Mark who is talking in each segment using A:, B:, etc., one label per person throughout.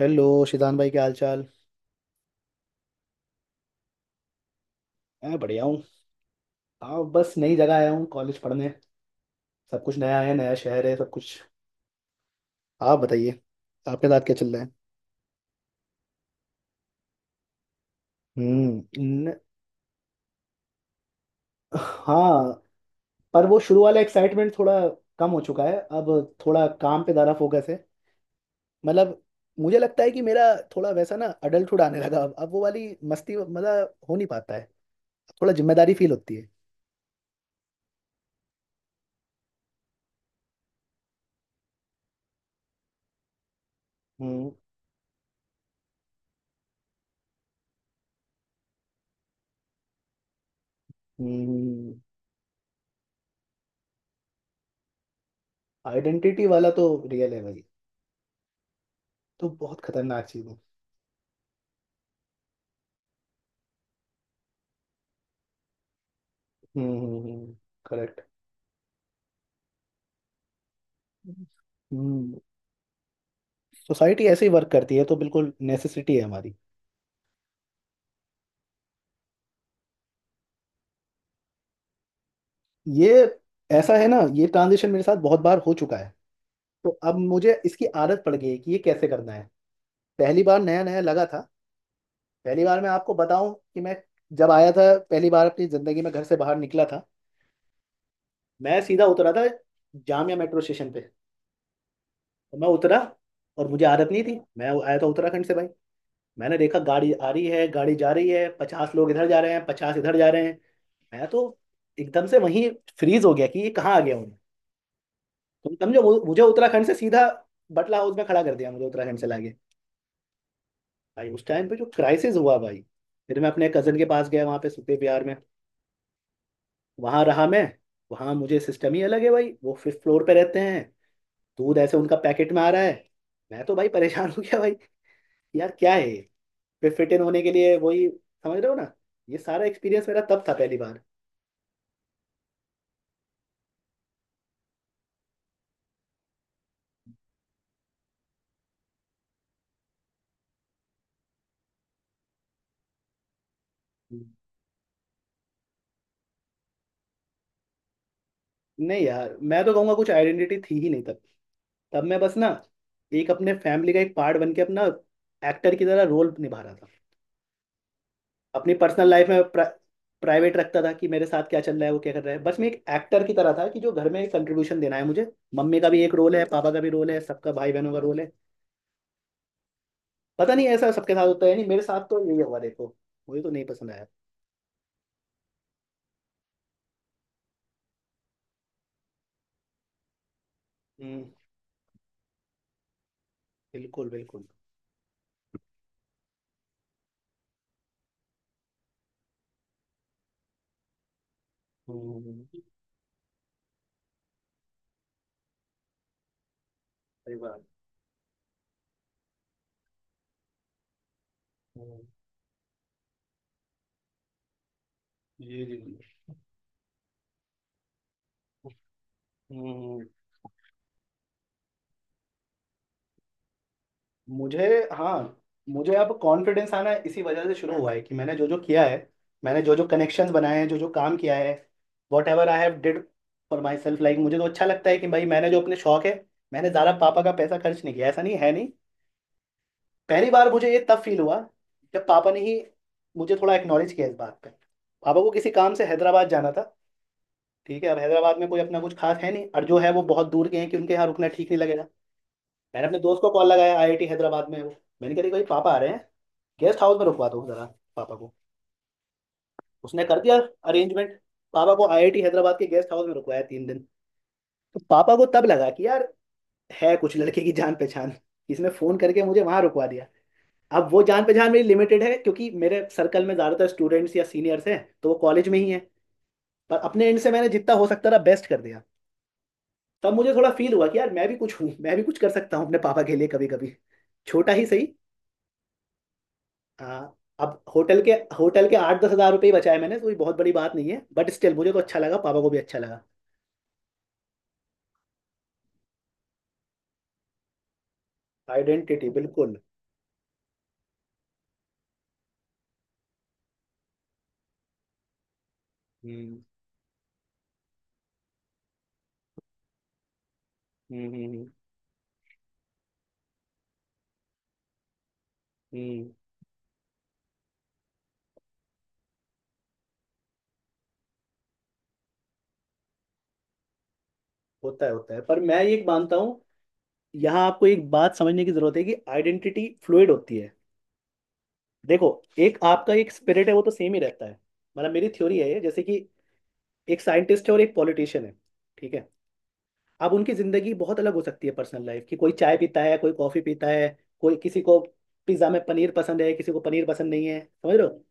A: Hello. Shidan भाई क्या हाल चाल। मैं बढ़िया हूँ। हाँ बस नई जगह आया हूँ कॉलेज पढ़ने। सब कुछ नया है, नया शहर है, सब कुछ। आप बताइए, आपके साथ क्या चल रहा है। हम्म। न। हाँ, पर वो शुरू वाला एक्साइटमेंट थोड़ा कम हो चुका है अब। थोड़ा काम पे ज़्यादा फोकस है। मतलब मुझे लगता है कि मेरा थोड़ा वैसा ना अडल्टहुड आने लगा। अब वो वाली मस्ती मतलब हो नहीं पाता है। थोड़ा जिम्मेदारी फील होती है। हम्म। आइडेंटिटी वाला तो रियल है भाई, तो बहुत खतरनाक चीज। हम्म। करेक्ट। हम्म। सोसाइटी ऐसे ही वर्क करती है, तो बिल्कुल नेसेसिटी है हमारी। ये ऐसा है ना, ये ट्रांजिशन मेरे साथ बहुत बार हो चुका है। तो अब मुझे इसकी आदत पड़ गई है कि ये कैसे करना है। पहली बार नया नया लगा था। पहली बार मैं आपको बताऊं कि मैं जब आया था, पहली बार अपनी जिंदगी में घर से बाहर निकला था। मैं सीधा उतरा था जामिया मेट्रो स्टेशन पे। और मैं उतरा, और मुझे आदत नहीं थी। मैं आया था उत्तराखंड से भाई। मैंने देखा गाड़ी आ रही है, गाड़ी जा रही है, 50 लोग इधर जा रहे हैं, 50 इधर जा रहे हैं। मैं तो एकदम से वहीं फ्रीज हो गया कि ये कहाँ आ गया हूँ मैं। तुम समझो, मुझे उत्तराखंड से सीधा बटला हाउस में खड़ा कर दिया, मुझे उत्तराखंड से लाके। भाई उस टाइम पे जो क्राइसिस हुआ भाई। फिर मैं अपने कजन के पास गया वहाँ पे सुते प्यार में। वहाँ रहा मैं। वहाँ मुझे सिस्टम ही अलग है भाई, वो फिफ्थ फ्लोर पे रहते हैं। दूध ऐसे उनका पैकेट में आ रहा है। मैं तो भाई परेशान हो गया भाई। यार क्या है ये? फिर फिट इन होने के लिए, वही समझ रहे हो ना। ये सारा एक्सपीरियंस मेरा तब था, पहली बार। नहीं यार, मैं तो कहूँगा कुछ आइडेंटिटी थी ही नहीं तब। तब मैं बस ना एक अपने फैमिली का एक पार्ट बन के, अपना एक्टर की तरह रोल निभा रहा था। अपनी पर्सनल लाइफ में प्राइवेट रखता था कि मेरे साथ क्या चल रहा है, वो क्या कर रहा है। बस मैं एक एक्टर की तरह था, कि जो घर में एक कंट्रीब्यूशन देना है मुझे, मम्मी का भी एक रोल है, पापा का भी रोल है, सबका भाई बहनों का रोल है। पता नहीं ऐसा सबके साथ होता है या नहीं, मेरे साथ तो यही हुआ, देखो। मुझे तो नहीं पसंद आया। हम्म। बिल्कुल बिल्कुल। हम्म। सही बात। हम्म। जी जी। हम्म। मुझे, हाँ, मुझे अब कॉन्फिडेंस आना इसी वजह से शुरू हुआ है कि मैंने जो जो किया है, मैंने जो जो कनेक्शंस बनाए हैं, जो जो काम किया है, whatever I have did for myself, like मुझे तो अच्छा लगता है कि भाई मैंने जो अपने शौक है। मैंने ज़्यादा पापा का पैसा खर्च नहीं किया, ऐसा नहीं है, नहीं। पहली बार मुझे ये तब फील हुआ जब पापा ने ही मुझे थोड़ा एक्नॉलेज किया इस बात पे। पापा को किसी काम से हैदराबाद जाना था। ठीक है, अब हैदराबाद में कोई अपना कुछ खास है नहीं, और जो है वो बहुत दूर गए हैं कि उनके यहाँ रुकना ठीक नहीं लगेगा। मैंने अपने दोस्त को कॉल लगाया, आईआईटी हैदराबाद में है वो। मैंने कहा, "अरे भाई पापा आ रहे हैं, गेस्ट हाउस में रुकवा दो जरा पापा को।" उसने कर दिया अरेंजमेंट। पापा को आईआईटी हैदराबाद के गेस्ट हाउस में रुकवाया 3 दिन। तो पापा को तब लगा कि यार, है कुछ लड़के की जान पहचान, इसने फोन करके मुझे वहां रुकवा दिया। अब वो जान पहचान मेरी लिमिटेड है, क्योंकि मेरे सर्कल में ज्यादातर स्टूडेंट्स या सीनियर्स हैं तो वो कॉलेज में ही हैं। पर अपने एंड से मैंने जितना हो सकता था बेस्ट कर दिया। तब मुझे थोड़ा फील हुआ कि यार, मैं भी कुछ हूँ, मैं भी कुछ कर सकता हूँ अपने पापा के लिए कभी कभी, छोटा ही सही। हाँ अब होटल के, होटल के 8-10 हज़ार रुपये ही बचाए मैंने, तो ये बहुत बड़ी बात नहीं है बट स्टिल, मुझे तो अच्छा लगा, पापा को भी अच्छा लगा। आइडेंटिटी बिल्कुल। हम्म। हम्म। हम्म। हम्म। होता है होता है, पर मैं ये मानता हूँ, यहाँ आपको एक बात समझने की जरूरत है कि आइडेंटिटी फ्लूइड होती है। देखो, एक आपका एक स्पिरिट है, वो तो सेम ही रहता है। मतलब मेरी थ्योरी है ये, जैसे कि एक साइंटिस्ट है और एक पॉलिटिशियन है, ठीक है। अब उनकी जिंदगी बहुत अलग हो सकती है पर्सनल लाइफ की। कोई चाय पीता है, कोई कॉफी पीता है, कोई किसी को पिज्जा में पनीर पसंद है, किसी को पनीर पसंद नहीं है, समझ रहे हो।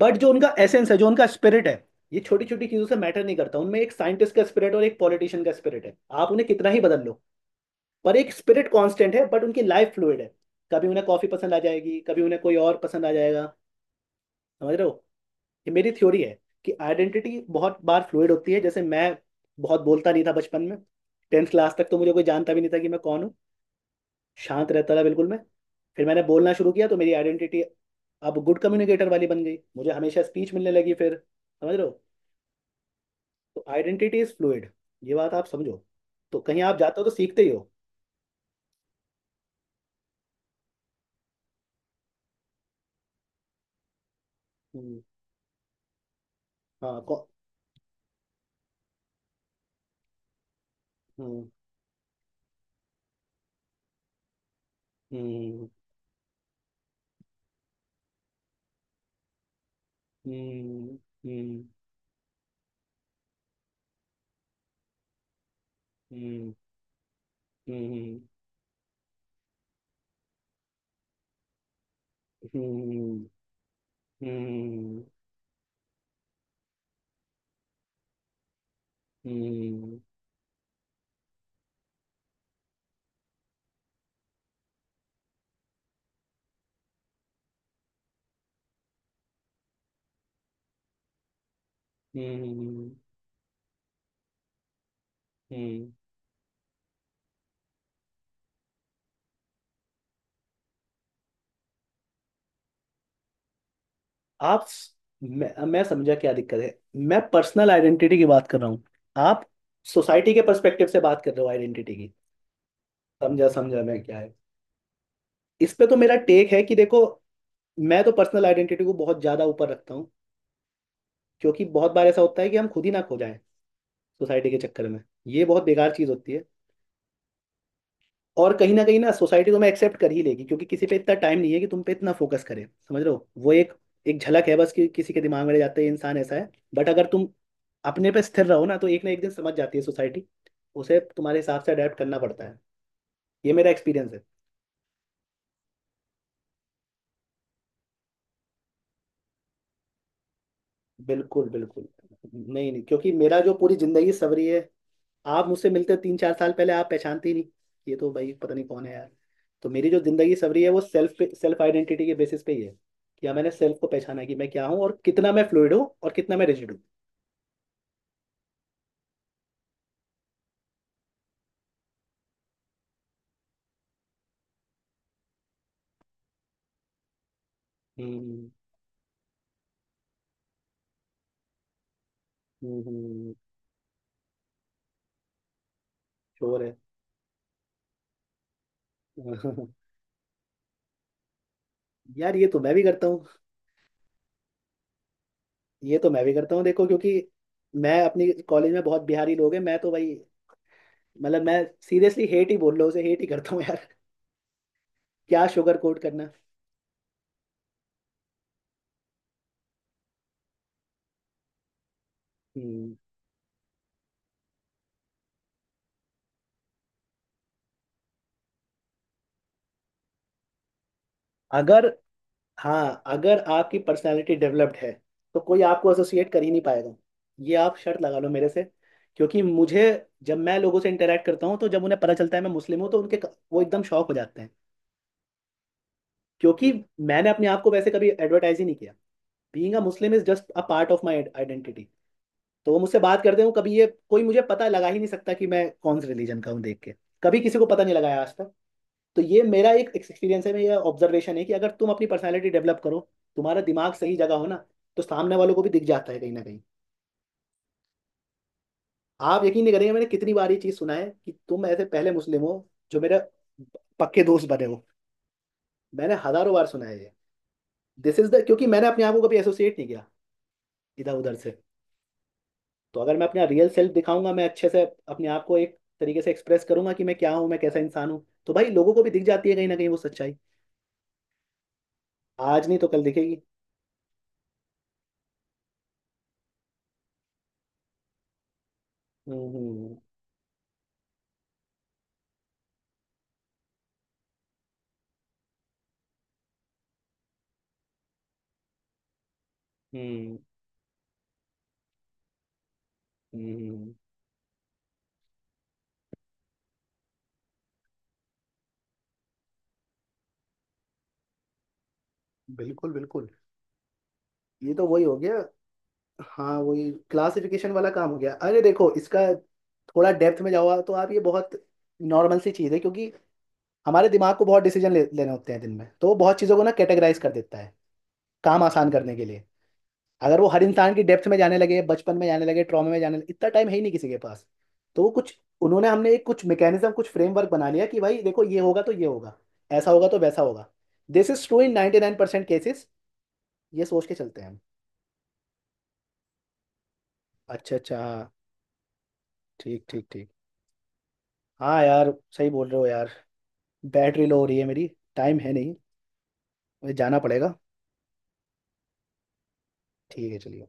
A: बट जो उनका एसेंस है, जो उनका स्पिरिट है, ये छोटी छोटी चीजों से मैटर नहीं करता। उनमें एक साइंटिस्ट का स्पिरिट और एक पॉलिटिशियन का स्पिरिट है। आप उन्हें कितना ही बदल लो, पर एक स्पिरिट कांस्टेंट है, बट उनकी लाइफ फ्लूइड है। कभी उन्हें कॉफी पसंद आ जाएगी, कभी उन्हें कोई और पसंद आ जाएगा, समझ रहे हो। ये मेरी थ्योरी है कि आइडेंटिटी बहुत बार फ्लूइड होती है। जैसे मैं बहुत बोलता नहीं था बचपन में। टेंथ क्लास तक तो मुझे कोई जानता भी नहीं था कि मैं कौन हूँ। शांत रहता था बिल्कुल मैं। फिर मैंने बोलना शुरू किया, तो मेरी आइडेंटिटी अब गुड कम्युनिकेटर वाली बन गई, मुझे हमेशा स्पीच मिलने लगी फिर, समझ रहे हो। तो आइडेंटिटी इज फ्लूइड, ये बात आप समझो। तो कहीं आप जाते हो तो सीखते ही हो। हम्म। हाँ। कौ- हम्म। हम्म। हम्म। हम्म। हम्म। हम्म। हम्म। हम्म। हम्म। हम्म। हम्म। हम्म। आप स-, मैं समझा क्या दिक्कत है। मैं पर्सनल आइडेंटिटी की बात कर रहा हूँ, आप सोसाइटी के पर्सपेक्टिव से बात कर रहे हो आइडेंटिटी की। समझा समझा मैं, क्या है, इस पे तो मेरा टेक है कि देखो, मैं तो पर्सनल आइडेंटिटी को बहुत ज्यादा ऊपर रखता हूँ, क्योंकि बहुत बार ऐसा होता है कि हम खुद ही ना खो जाएं सोसाइटी के चक्कर में। ये बहुत बेकार चीज होती है। और कहीं ना कहीं ना, सोसाइटी तुम्हें एक्सेप्ट कर ही लेगी, क्योंकि किसी पे इतना टाइम नहीं है कि तुम पे इतना फोकस करे, समझ रहे हो। वो एक एक झलक है बस, कि किसी के दिमाग में रह जाते हैं इंसान ऐसा है। बट अगर तुम अपने पे स्थिर रहो ना, तो एक ना एक दिन समझ जाती है सोसाइटी, उसे तुम्हारे हिसाब से अडेप्ट करना पड़ता है। ये मेरा एक्सपीरियंस है। बिल्कुल बिल्कुल। नहीं नहीं, क्योंकि मेरा जो पूरी जिंदगी सवरी है, आप मुझसे मिलते 3-4 साल पहले, आप पहचानते ही नहीं, ये तो भाई पता नहीं कौन है यार। तो मेरी जो जिंदगी सवरी है, वो सेल्फ सेल्फ आइडेंटिटी के बेसिस पे ही है। या मैंने सेल्फ को पहचाना कि मैं क्या हूँ, और कितना मैं फ्लूइड हूँ और कितना मैं रिजिड हूँ। हम्म। हम्म। श्योर है। यार ये तो मैं भी करता हूँ, ये तो मैं भी करता हूँ, देखो क्योंकि मैं, अपनी कॉलेज में बहुत बिहारी लोग हैं, मैं तो भाई, मतलब मैं सीरियसली हेट ही बोल रहा हूँ, उसे हेट ही करता हूँ यार। क्या शुगर कोट करना। हम्म। अगर, हाँ, अगर आपकी पर्सनालिटी डेवलप्ड है तो कोई आपको एसोसिएट कर ही नहीं पाएगा। ये आप शर्त लगा लो मेरे से। क्योंकि मुझे, जब मैं लोगों से इंटरेक्ट करता हूँ, तो जब उन्हें पता चलता है मैं मुस्लिम हूँ, तो उनके, वो एकदम शॉक हो जाते हैं। क्योंकि मैंने अपने आप को वैसे कभी एडवर्टाइज ही नहीं किया। Being a Muslim is just a part of my identity. तो वो मुझसे बात करते हो कभी, ये कोई मुझे पता लगा ही नहीं सकता कि मैं कौन से रिलीजन का हूँ देख के। कभी किसी को पता नहीं लगाया आज तक। तो ये मेरा एक एक्सपीरियंस है, मेरा ऑब्जर्वेशन है, कि अगर तुम अपनी पर्सनैलिटी डेवलप करो, तुम्हारा दिमाग सही जगह हो ना, तो सामने वालों को भी दिख जाता है कहीं ना कहीं। आप यकीन नहीं करेंगे, मैंने कितनी बार ये चीज़ सुना है कि तुम ऐसे पहले मुस्लिम हो जो मेरे पक्के दोस्त बने हो। मैंने हजारों बार सुना है ये। दिस इज द, क्योंकि मैंने अपने आप को कभी एसोसिएट नहीं किया इधर उधर से। तो अगर मैं अपना रियल सेल्फ दिखाऊंगा, मैं अच्छे से अपने आप को एक तरीके से एक्सप्रेस करूंगा कि मैं क्या हूँ, मैं कैसा इंसान हूँ, तो भाई लोगों को भी दिख जाती है कहीं ना कहीं वो सच्चाई। आज नहीं तो कल दिखेगी। हम्म। हम्म। हम्म। हम्म। हम्म। बिल्कुल बिल्कुल। ये तो वही हो गया, हाँ वही क्लासिफिकेशन वाला काम हो गया। अरे देखो, इसका थोड़ा डेप्थ में जाओ तो आप, ये बहुत नॉर्मल सी चीज़ है, क्योंकि हमारे दिमाग को बहुत डिसीजन लेने होते हैं दिन में, तो वो बहुत चीज़ों को ना कैटेगराइज कर देता है, काम आसान करने के लिए। अगर वो हर इंसान की डेप्थ में जाने लगे, बचपन में जाने लगे, ट्रॉमे में जाने लगे, इतना टाइम है ही नहीं किसी के पास। तो वो कुछ, उन्होंने हमने एक कुछ मैकेनिज्म, कुछ फ्रेमवर्क बना लिया कि भाई देखो, ये होगा तो ये होगा, ऐसा होगा तो वैसा होगा। This is true in 99% nine percent cases, ये सोच के चलते हैं हम। अच्छा अच्छा हाँ। ठीक ठीक ठीक। हाँ यार, सही बोल रहे हो यार। बैटरी लो हो रही है मेरी। टाइम है नहीं, मुझे जाना पड़ेगा। ठीक है चलिए।